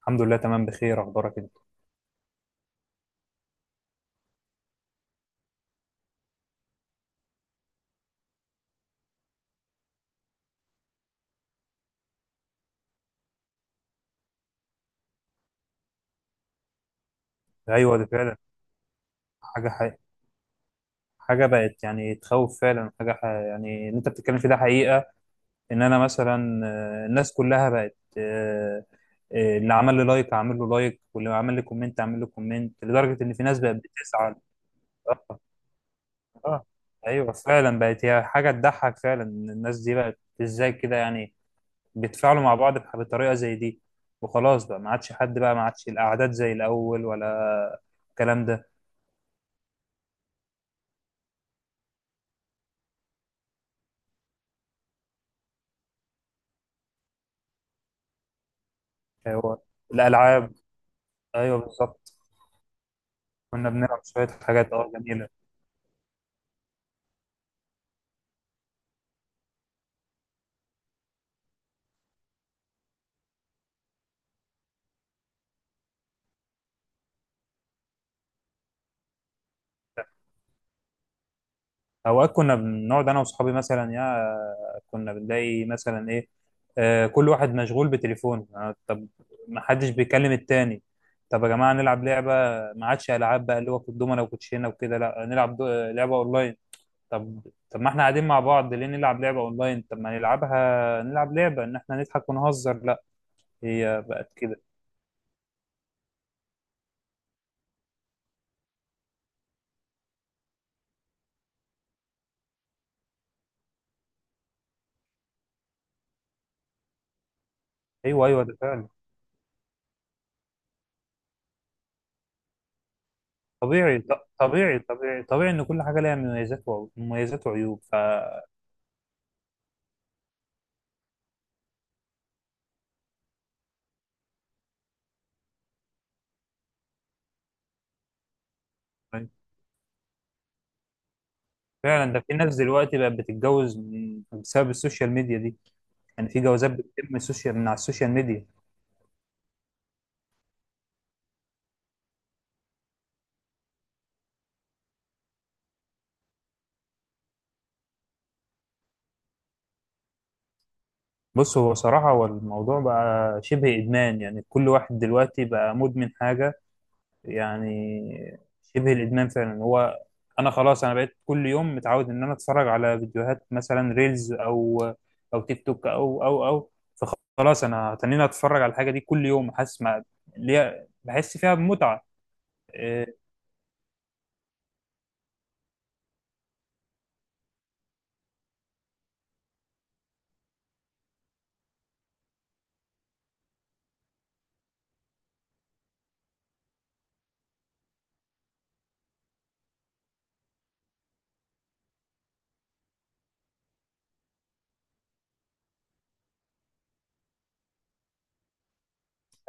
الحمد لله تمام بخير، اخبارك انت؟ ايوه دي فعلا حاجه حقيقة. حاجه بقت يعني تخوف فعلا. يعني اللي انت بتتكلم فيه ده حقيقه. ان انا مثلا، الناس كلها بقت، اللي عمل لي لايك اعمل له لايك، واللي عمل لي كومنت اعمل له كومنت، لدرجه ان في ناس بقت بتزعل. اه. آه. ايوه فعلا، بقت هي حاجه تضحك فعلا إن الناس دي بقت ازاي كده. يعني بيتفاعلوا مع بعض بطريقه زي دي، وخلاص بقى ما عادش حد، بقى ما عادش الاعداد زي الاول ولا الكلام ده. هو الالعاب؟ ايوه بالظبط. كنا بنلعب شويه حاجات جميله. اوقات كنا بنقعد انا واصحابي مثلا، كنا بنلاقي مثلا ايه، كل واحد مشغول بتليفونه، طب ما حدش بيكلم التاني. طب يا جماعه نلعب لعبه. ما عادش العاب بقى اللي هو الدومنه وكوتشينه وكده، لا نلعب دو... آه، لعبه اونلاين. طب طب ما احنا قاعدين مع بعض ليه نلعب لعبه اونلاين؟ طب ما نلعبها، نلعب لعبه ان احنا نضحك ونهزر. لا، هي بقت كده. ايوه ايوه، ده فعلا. طبيعي، طبيعي ان كل حاجه ليها مميزات وعيوب. ف فعلا، ده في ناس دلوقتي بقت بتتجوز بسبب السوشيال ميديا دي، يعني في جوازات بتتم من على السوشيال ميديا. بص، هو صراحه هو الموضوع بقى شبه ادمان. يعني كل واحد دلوقتي بقى مدمن حاجه، يعني شبه الادمان فعلا. هو انا خلاص، انا بقيت كل يوم متعود ان انا اتفرج على فيديوهات، مثلا ريلز او او تيك توك او فخلاص انا هتنيني اتفرج على الحاجه دي كل يوم، حاسس ما ليا، بحس فيها بمتعه. إيه،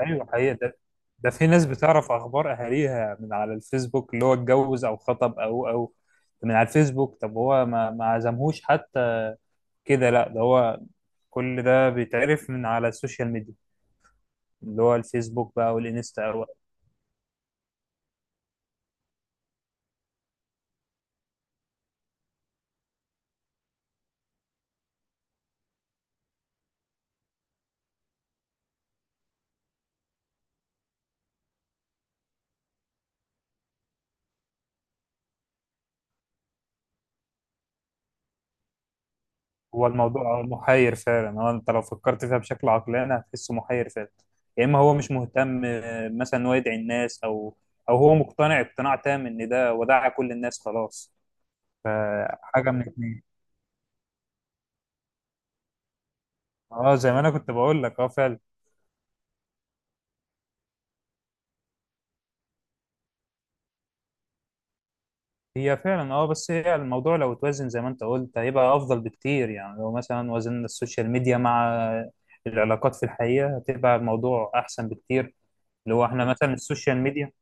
ايوه حقيقه. ده في ناس بتعرف اخبار اهاليها من على الفيسبوك، اللي هو اتجوز او خطب او من على الفيسبوك. طب هو ما عزمهوش حتى كده؟ لا، ده هو كل ده بيتعرف من على السوشيال ميديا، اللي هو الفيسبوك بقى والانستا. هو الموضوع محير فعلا. هو انت لو فكرت فيها بشكل عقلاني هتحسه محير فعلا. يا اما هو مش مهتم مثلا إن هو يدعي الناس، او هو مقتنع اقتناع تام ان ده وداع كل الناس خلاص. فحاجه من الاثنين. اه زي ما انا كنت بقول لك، اه فعلا. هي فعلا اه، بس هي الموضوع لو اتوزن زي ما انت قلت هيبقى افضل بكتير. يعني لو مثلا وزننا السوشيال ميديا مع العلاقات في الحقيقه، هتبقى الموضوع احسن بكتير. اللي هو احنا مثلا السوشيال ميديا.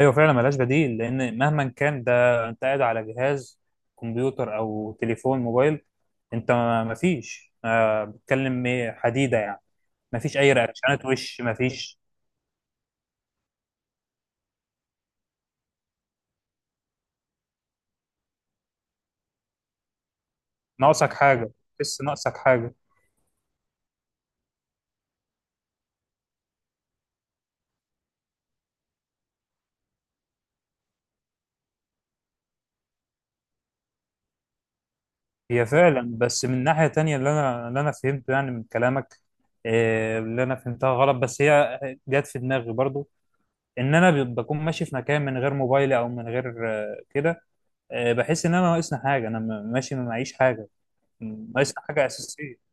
ايوه فعلا، ملهاش بديل. لان مهما كان، ده انت قاعد على جهاز كمبيوتر او تليفون موبايل. انت ما فيش، بتكلم إيه، حديده يعني. ما فيش اي رياكشنات، وش ما فيش. ناقصك حاجه، بس ناقصك حاجه. هي فعلا، بس من ناحيه تانية، اللي انا فهمته يعني من كلامك، اللي انا فهمتها غلط بس هي جت في دماغي برضو. ان انا بكون ماشي في مكان من غير موبايلي او من غير كده، بحس ان انا ناقصني حاجه، انا ماشي ما معيش حاجه. ناقص حاجة أساسية.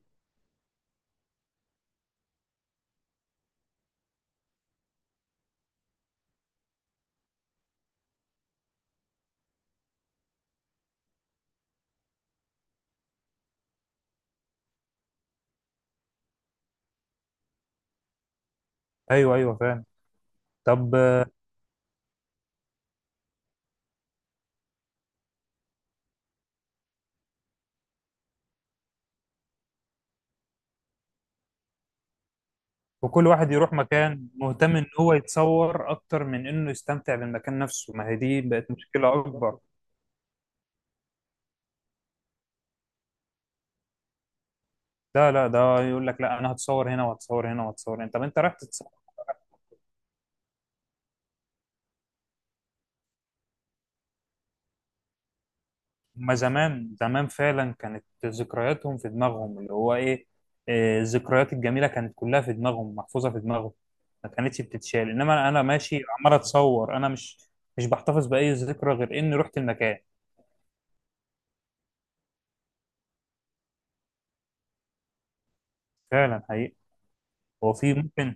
أيوه أيوه فاهم. طب آه، وكل واحد يروح مكان مهتم إن هو يتصور أكتر من إنه يستمتع بالمكان نفسه. ما هي دي بقت مشكلة أكبر. لا لا، ده يقول لك لا، أنا هتصور هنا وهتصور هنا وهتصور هنا. طب أنت رايح تتصور؟ ما زمان زمان فعلا كانت ذكرياتهم في دماغهم، اللي هو إيه، الذكريات الجميلة كانت كلها في دماغهم محفوظة في دماغهم، ما كانتش بتتشال، إنما أنا ماشي عمال أتصور. أنا مش بحتفظ بأي ذكرى غير إني رحت المكان. فعلا حقيقي. هو في ممكن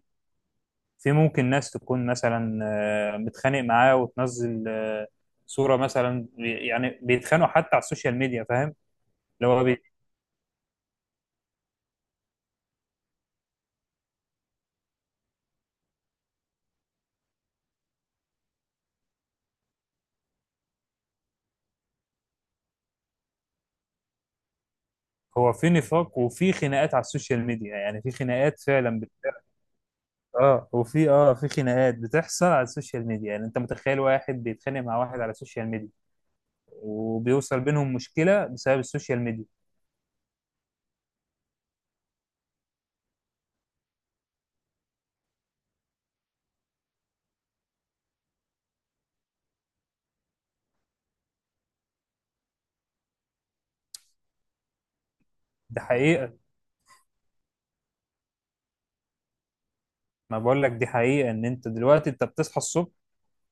في ممكن ناس تكون مثلا متخانق معاه وتنزل صورة مثلا، يعني بيتخانقوا حتى على السوشيال ميديا، فاهم. اللي هو بي- هو في نفاق وفي خناقات على السوشيال ميديا، يعني في خناقات فعلا اه، وفي اه في خناقات بتحصل على السوشيال ميديا. يعني انت متخيل واحد بيتخانق مع واحد على السوشيال ميديا، وبيوصل بينهم مشكلة بسبب السوشيال ميديا؟ دي حقيقة. ما بقول لك دي حقيقة. ان انت دلوقتي، انت بتصحى الصبح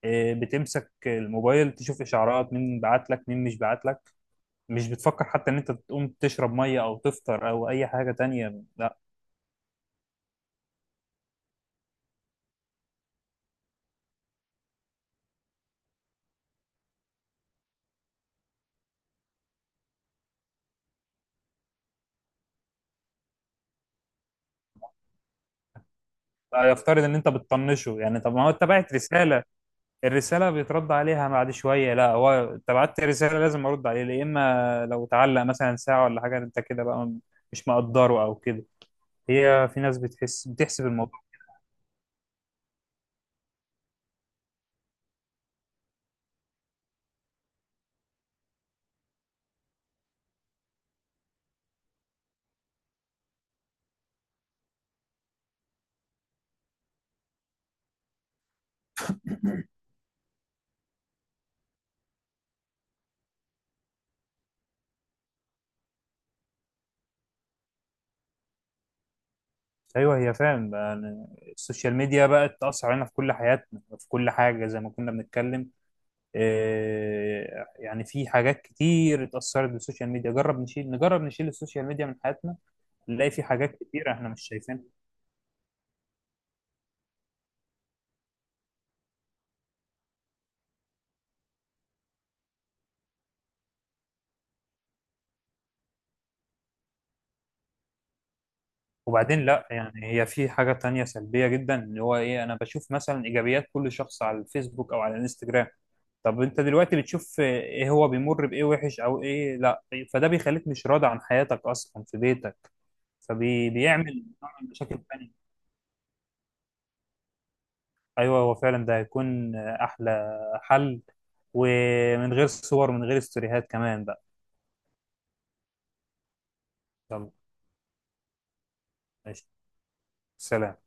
إيه، بتمسك الموبايل تشوف اشعارات مين بعت لك مين مش بعت لك. مش بتفكر حتى ان انت تقوم تشرب ميه او تفطر او اي حاجه تانية. لا، لا، يفترض ان انت بتطنشه يعني. طب ما هو انت بعت رساله، الرساله بيترد عليها بعد شويه. لا هو، انت بعت رساله لازم ارد عليه، يا اما لو تعلق مثلا ساعه ولا حاجه، انت كده بقى مش مقدره او كده. هي في ناس بتحسب الموضوع. ايوه، هي فعلا بقى يعني السوشيال ميديا بقت تاثر علينا في كل حياتنا، في كل حاجه، زي ما كنا بنتكلم. يعني في حاجات كتير اتأثرت بالسوشيال ميديا. جرب نشيل نجرب نشيل السوشيال ميديا من حياتنا، نلاقي في حاجات كتير احنا مش شايفينها. وبعدين لا، يعني هي في حاجة تانية سلبية جدا، اللي هو ايه، انا بشوف مثلا ايجابيات كل شخص على الفيسبوك او على الانستجرام. طب انت دلوقتي بتشوف ايه، هو بيمر بايه وحش او ايه؟ لا. فده بيخليك مش راضي عن حياتك اصلا في بيتك، فبيعمل نوع من مشاكل تانية. ايوه هو فعلا، ده هيكون احلى حل. ومن غير صور، من غير استوريهات كمان بقى. يلا. ماشي، سلام.